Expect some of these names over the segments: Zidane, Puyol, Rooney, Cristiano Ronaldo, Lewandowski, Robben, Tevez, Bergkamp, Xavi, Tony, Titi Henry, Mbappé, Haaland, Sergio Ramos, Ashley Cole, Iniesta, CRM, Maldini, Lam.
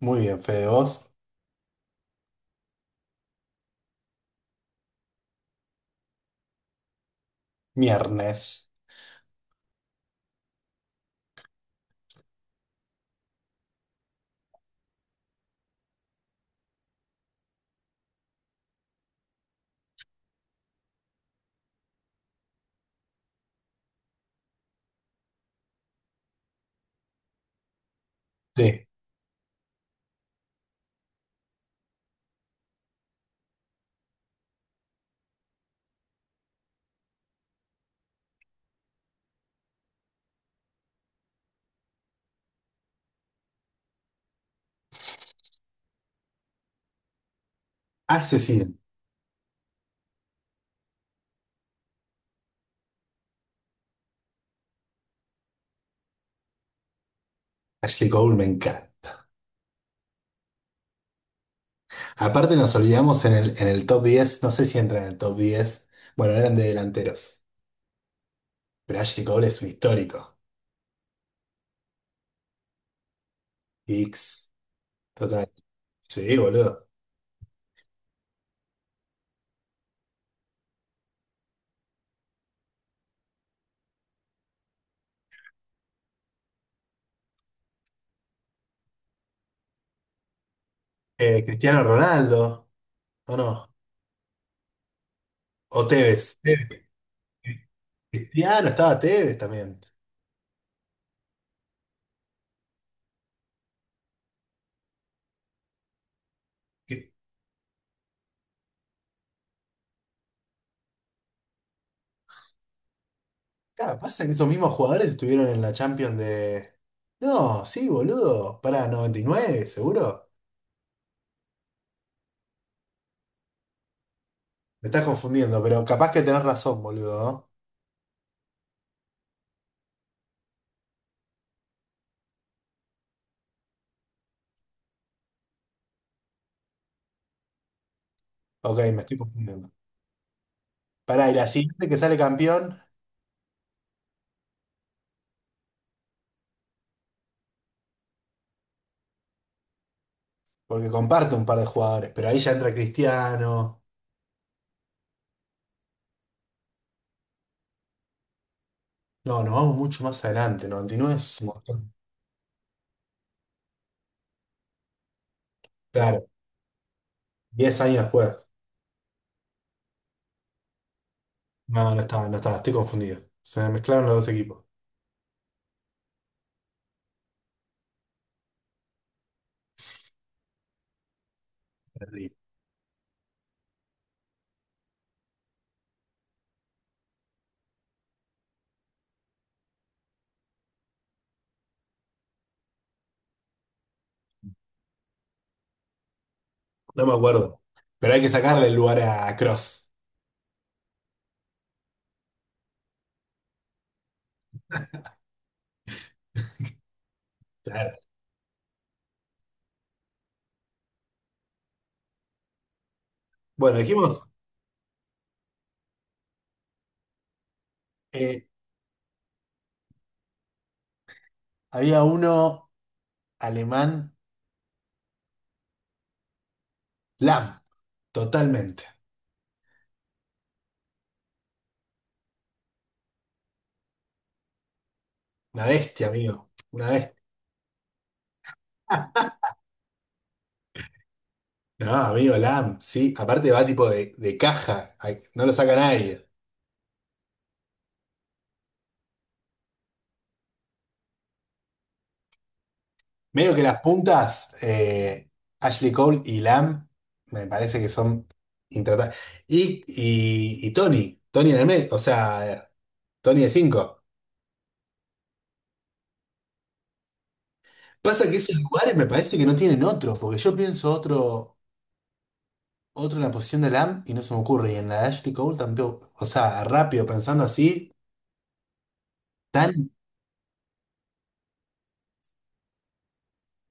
Muy bien, Fede, vos. Viernes de asesino. Ashley Cole me encanta. Aparte nos olvidamos en el top 10, no sé si entra en el top 10. Bueno, eran de delanteros, pero Ashley Cole es un histórico. X, total. Sí, boludo. Cristiano Ronaldo, ¿o no? O Tevez. Tevez. Cristiano, estaba Tevez también. Que- Claro, pasa que esos mismos jugadores estuvieron en la Champions de... No, sí, boludo. Para 99, seguro. Me estás confundiendo, pero capaz que tenés razón, boludo, ¿no? Ok, me estoy confundiendo. Pará, y la siguiente que sale campeón, porque comparte un par de jugadores, pero ahí ya entra Cristiano. No, nos vamos mucho más adelante, 99 es un montón. Claro, 10 años después. No, no estaba, no estaba, estoy confundido. Se me mezclaron los dos equipos. Terrible. No me acuerdo. Pero hay que sacarle el lugar a Cross. Claro. Bueno, dijimos, eh, había uno alemán, Lam, totalmente. Una bestia, amigo. Una bestia. No, amigo, Lam, sí, aparte va tipo de caja, ay, no lo saca nadie. Medio que las puntas, Ashley Cole y Lam, me parece que son intratables. Y Tony, Tony en el medio, o sea, Tony de cinco. Pasa que esos lugares me parece que no tienen otro, porque yo pienso otro, otro en la posición de Lam y no se me ocurre. Y en la de Ashley Cole tampoco, o sea, rápido, pensando así, tan,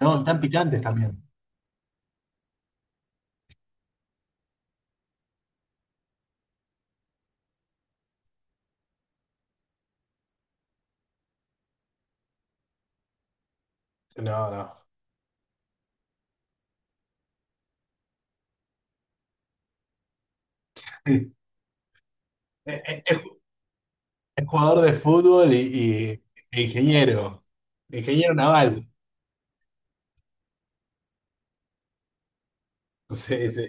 no, tan picantes también. No, no. Es Es jugador de fútbol y e ingeniero. Ingeniero naval. Sí, sí,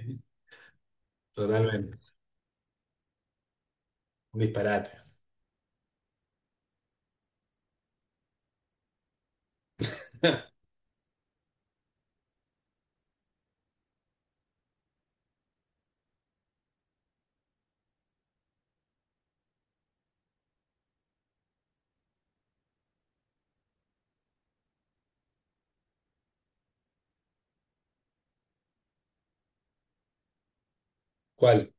totalmente. Un disparate. ¿Cuál?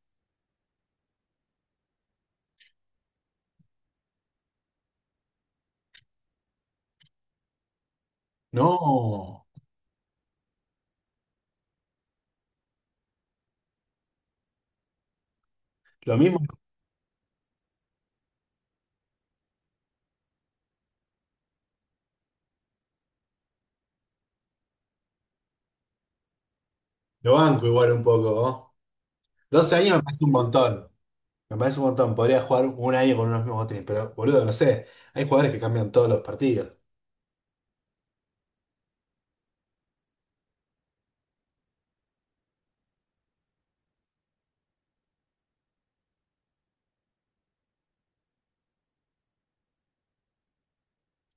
No, lo mismo, lo banco igual un poco, ¿no? 12 años me parece un montón. Me parece un montón. Podría jugar un año con unos mismos botines, pero boludo, no sé. Hay jugadores que cambian todos los partidos.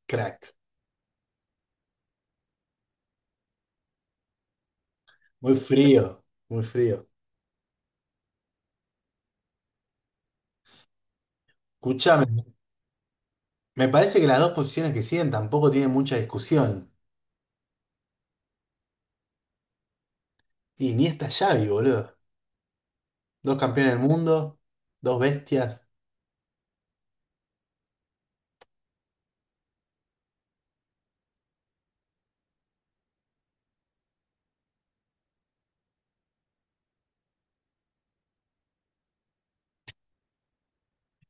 Crack. Muy frío, muy frío. Escuchame, me parece que las dos posiciones que siguen tampoco tienen mucha discusión. Y ni esta Xavi, boludo. Dos campeones del mundo, dos bestias.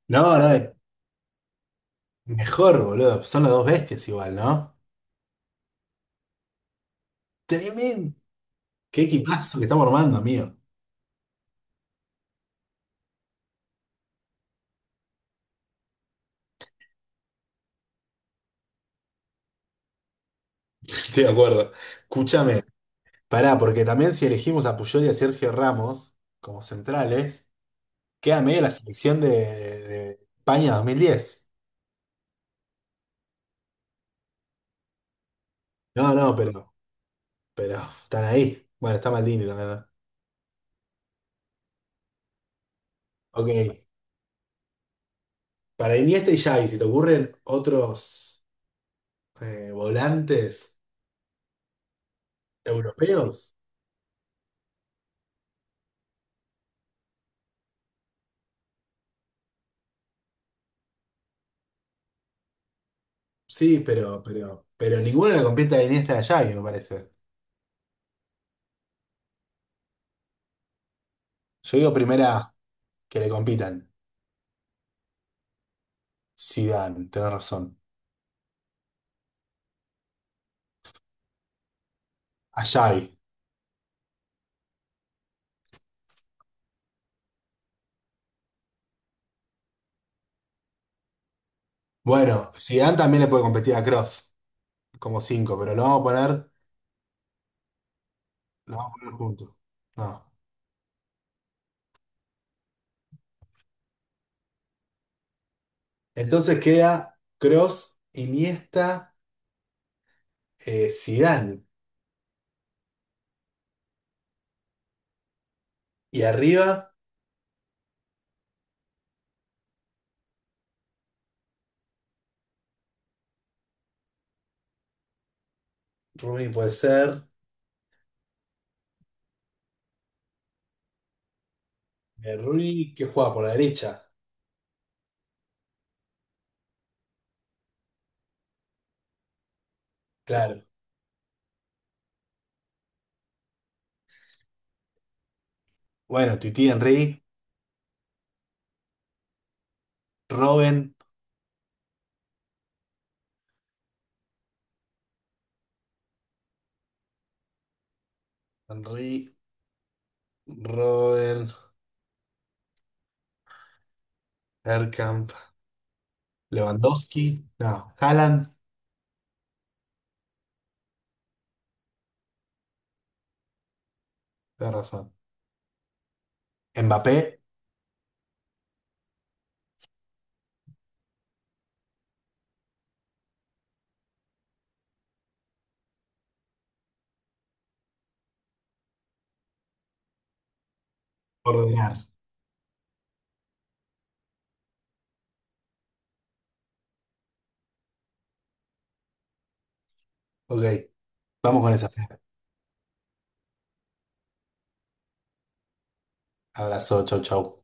No, no, mejor, boludo. Son las dos bestias igual, ¿no? Tremendo. Qué equipazo que estamos armando, amigo. Estoy de acuerdo. Escúchame, pará, porque también si elegimos a Puyol y a Sergio Ramos como centrales, queda medio la selección de España 2010. No, no, pero están ahí. Bueno, está Maldini también, ¿no? Ok. Para Iniesta y Xavi, si te ocurren otros volantes europeos, sí, pero ninguna la completa de Iniesta y Xavi, me parece. Yo digo primera que le compitan. Zidane, tenés razón. A Xavi. Bueno, Zidane también le puede competir a Cross como cinco, pero lo vamos a poner, lo vamos a poner juntos. No. Entonces queda Cross, Iniesta, Zidane. Y arriba, Rooney puede ser. Eh, Rooney que juega por la derecha. Claro. Bueno, Titi Henry, Robben, Henry, Robben, Bergkamp, Lewandowski. No, Haaland, tenés razón. Mbappé. Coordinar. Ok, vamos con esa. Fer. Abrazo, chau, chau.